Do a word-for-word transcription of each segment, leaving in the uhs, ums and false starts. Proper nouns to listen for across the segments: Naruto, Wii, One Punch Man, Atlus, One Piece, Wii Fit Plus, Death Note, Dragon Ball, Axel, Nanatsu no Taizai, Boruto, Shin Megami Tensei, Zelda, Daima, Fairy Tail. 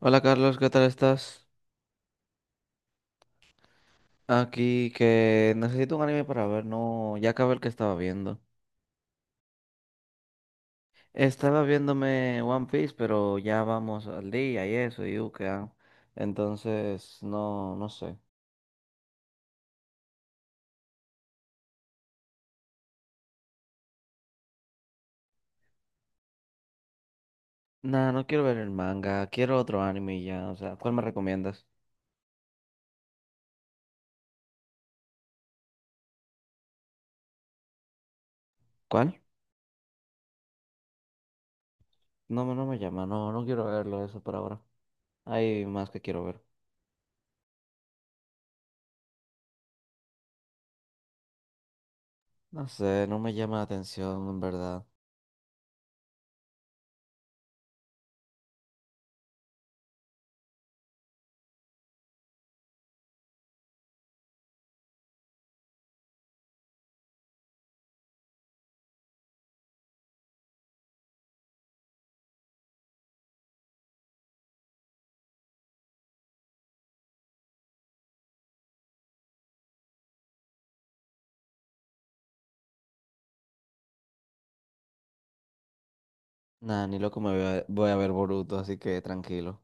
Hola Carlos, ¿qué tal estás? Aquí que necesito un anime para ver, no, ya acabé el que estaba viendo. Estaba viéndome One Piece, pero ya vamos al día y eso, y U C A. Entonces, no, no sé. Nah, no quiero ver el manga, quiero otro anime y ya, o sea, ¿cuál me recomiendas? ¿Cuál? No, me- no me llama, no, no quiero verlo eso por ahora. Hay más que quiero ver. No sé, no me llama la atención, en verdad. Nah, ni loco me voy a, voy a ver Boruto, así que tranquilo.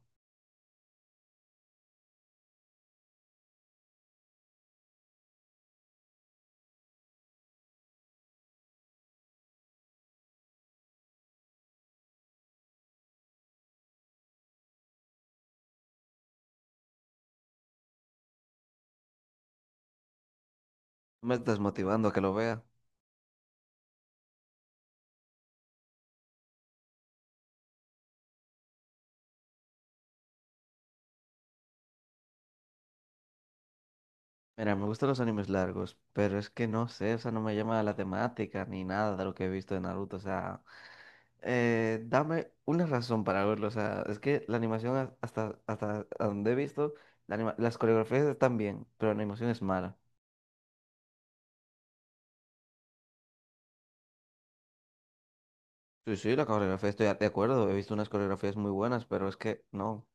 Me estás motivando a que lo vea. Mira, me gustan los animes largos, pero es que no sé, o sea, no me llama la temática ni nada de lo que he visto de Naruto, o sea, eh, dame una razón para verlo, o sea, es que la animación a- hasta, hasta donde he visto, la anima- las coreografías están bien, pero la animación es mala. Sí, sí, la coreografía estoy de acuerdo, he visto unas coreografías muy buenas, pero es que no,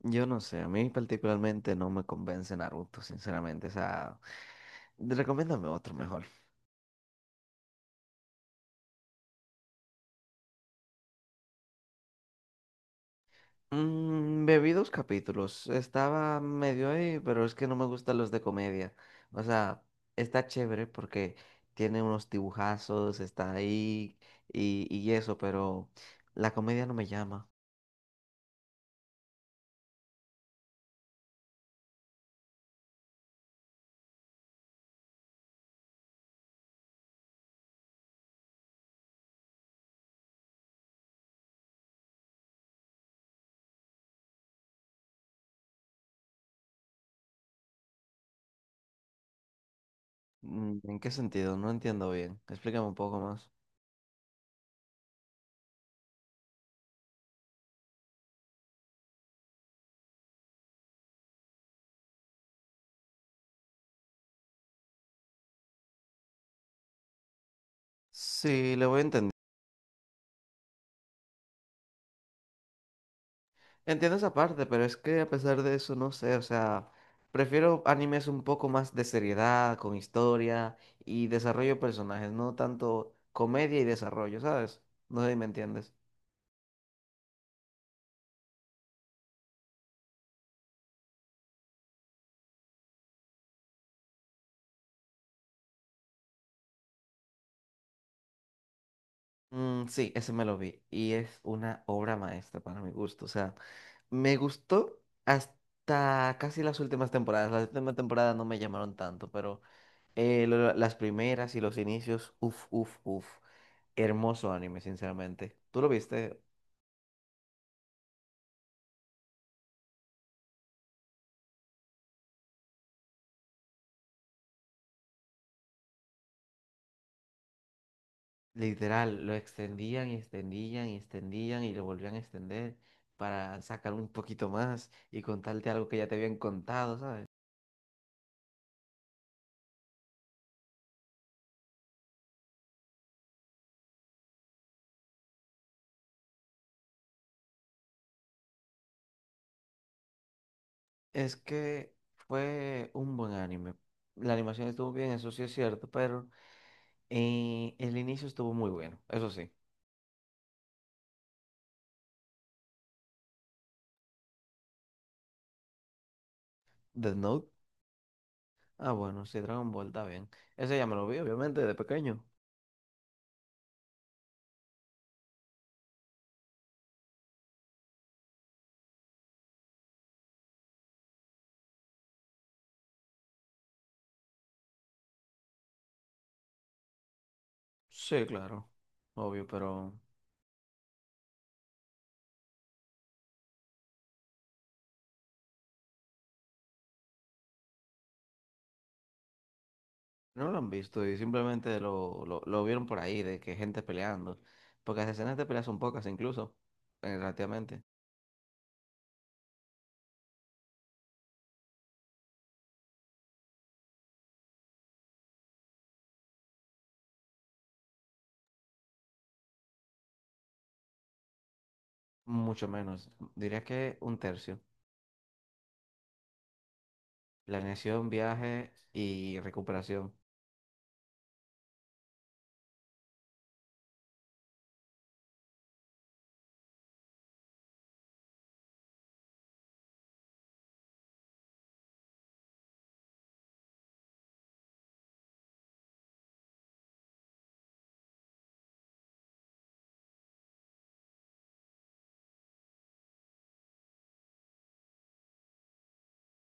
yo no sé, a mí particularmente no me convence Naruto, sinceramente, o sea, recomiéndame otro mejor. Mm, me vi dos capítulos. Estaba medio ahí, pero es que no me gustan los de comedia. O sea, está chévere porque tiene unos dibujazos, está ahí y, y eso, pero la comedia no me llama. Mm, ¿en qué sentido? No entiendo bien. Explícame un poco más. Sí, le voy a entender. Entiendo esa parte, pero es que a pesar de eso, no sé, o sea, prefiero animes un poco más de seriedad, con historia y desarrollo de personajes, no tanto comedia y desarrollo, ¿sabes? No sé si me entiendes. Mm, sí, ese me lo vi y es una obra maestra para mi gusto, o sea, me gustó hasta casi las últimas temporadas, las últimas temporadas no me llamaron tanto, pero eh, lo- las primeras y los inicios, uff, uff, uff, hermoso anime, sinceramente. ¿Tú lo viste? Literal, lo extendían y extendían y extendían y lo volvían a extender para sacar un poquito más y contarte algo que ya te habían contado, ¿sabes? Es que fue un buen anime. La animación estuvo bien, eso sí es cierto, pero eh, el inicio estuvo muy bueno, eso sí. Death Note, ah bueno, sí, Dragon Ball está bien. Ese ya me lo vi, obviamente, de pequeño. Sí, claro, obvio, pero no lo han visto y simplemente lo, lo, lo vieron por ahí, de que gente peleando. Porque las escenas de pelea son pocas incluso, eh, relativamente. Mucho menos. Diría que un tercio. Planeación, viaje y recuperación.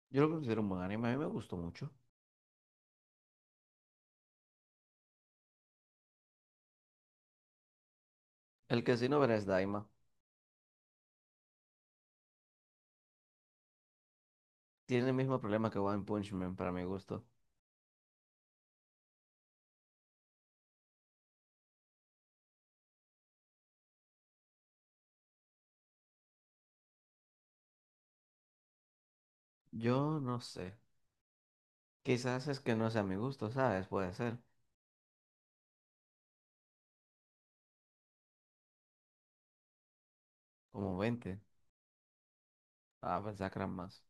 Yo lo considero un buen anime, a mí me gustó mucho. El que sí no verás Daima. Tiene el mismo problema que One Punch Man para mi gusto. Yo no sé. Quizás es que no sea mi gusto, ¿sabes? Puede ser. Como veinte. Ah, pensaba que eran más.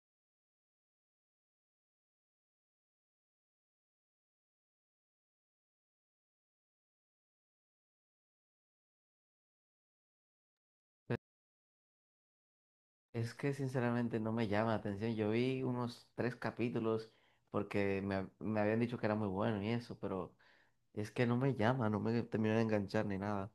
Es que sinceramente no me llama la atención. Yo vi unos tres capítulos porque me, hab- me habían dicho que era muy bueno y eso, pero es que no me llama, no me terminó de enganchar ni nada.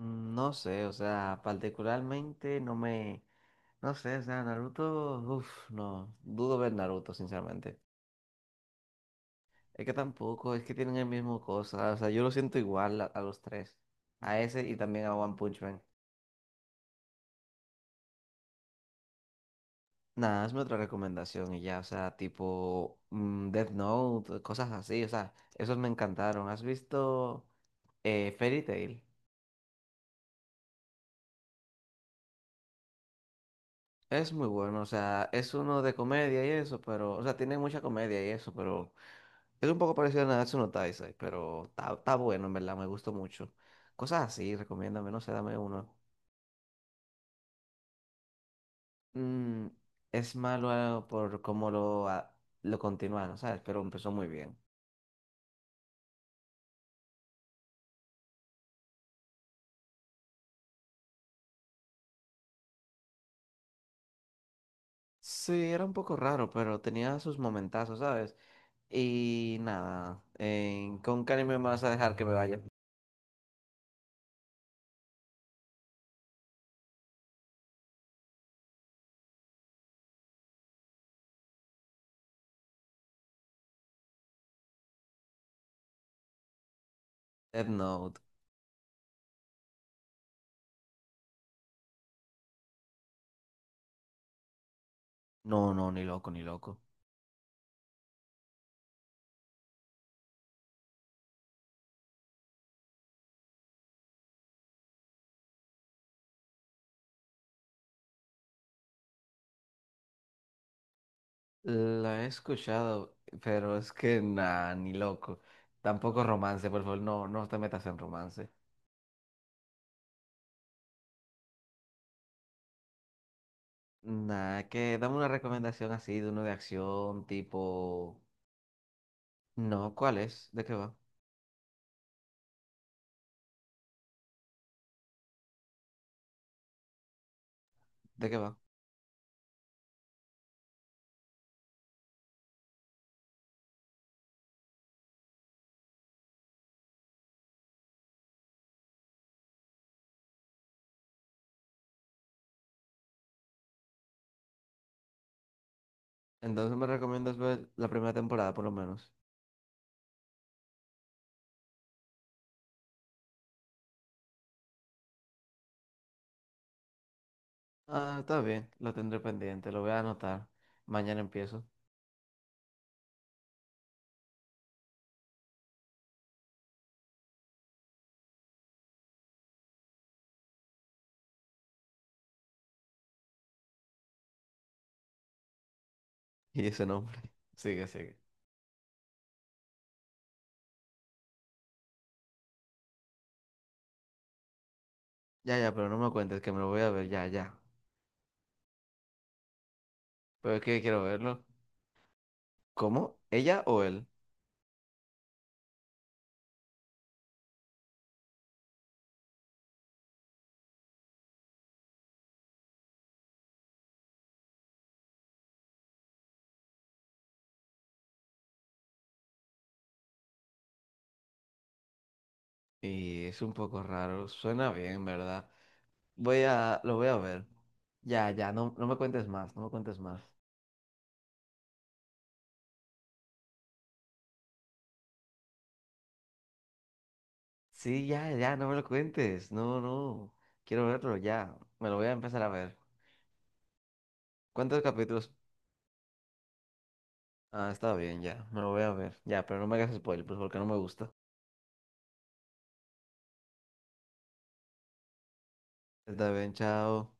Mm, no sé, o sea, particularmente no me... No sé, o sea, Naruto, uff, no, dudo ver Naruto, sinceramente. Es que tampoco, es que tienen el mismo cosa, o sea, yo lo siento igual a, a los tres, a ese y también a One Punch Man. Nada, hazme otra recomendación y ya, o sea, tipo mm, Death Note, cosas así, o sea, esos me encantaron. ¿Has visto eh, Fairy Tail? Es muy bueno, o sea, es uno de comedia y eso, pero, o sea, tiene mucha comedia y eso, pero es un poco parecido a Nanatsu no Taizai, pero está, está bueno, en verdad, me gustó mucho. Cosas así, recomiéndame, no sé, dame uno. Mm, es malo por cómo lo, a- lo continuaron, ¿sabes? Pero empezó muy bien. Sí, era un poco raro, pero tenía sus momentazos, ¿sabes? Y nada, eh, ¿con qué anime me vas a dejar que me vaya? Death Note. No, no, ni loco, ni loco. La he escuchado, pero es que nada, ni loco. Tampoco romance, por favor, no, no te metas en romance. Nada, que dame una recomendación así de uno de acción, tipo... No, ¿cuál es? ¿De qué va? ¿De qué va? Entonces me recomiendas ver la primera temporada, por lo menos. Ah, está bien, lo tendré pendiente, lo voy a anotar. Mañana empiezo. Y ese nombre. Sigue, sigue. Ya, ya, pero no me cuentes que me lo voy a ver, ya, ya. Pero es que quiero verlo. ¿Cómo? ¿Ella o él? Y es un poco raro, suena bien, ¿verdad? Voy a, lo voy a ver. Ya, ya, no, no me cuentes más, no me cuentes más. Sí, ya, ya, no me lo cuentes, no, no. Quiero verlo, ya, me lo voy a empezar a ver. ¿Cuántos capítulos? Ah, está bien, ya, me lo voy a ver. Ya, pero no me hagas spoiler, pues porque no me gusta. Está bien, chao.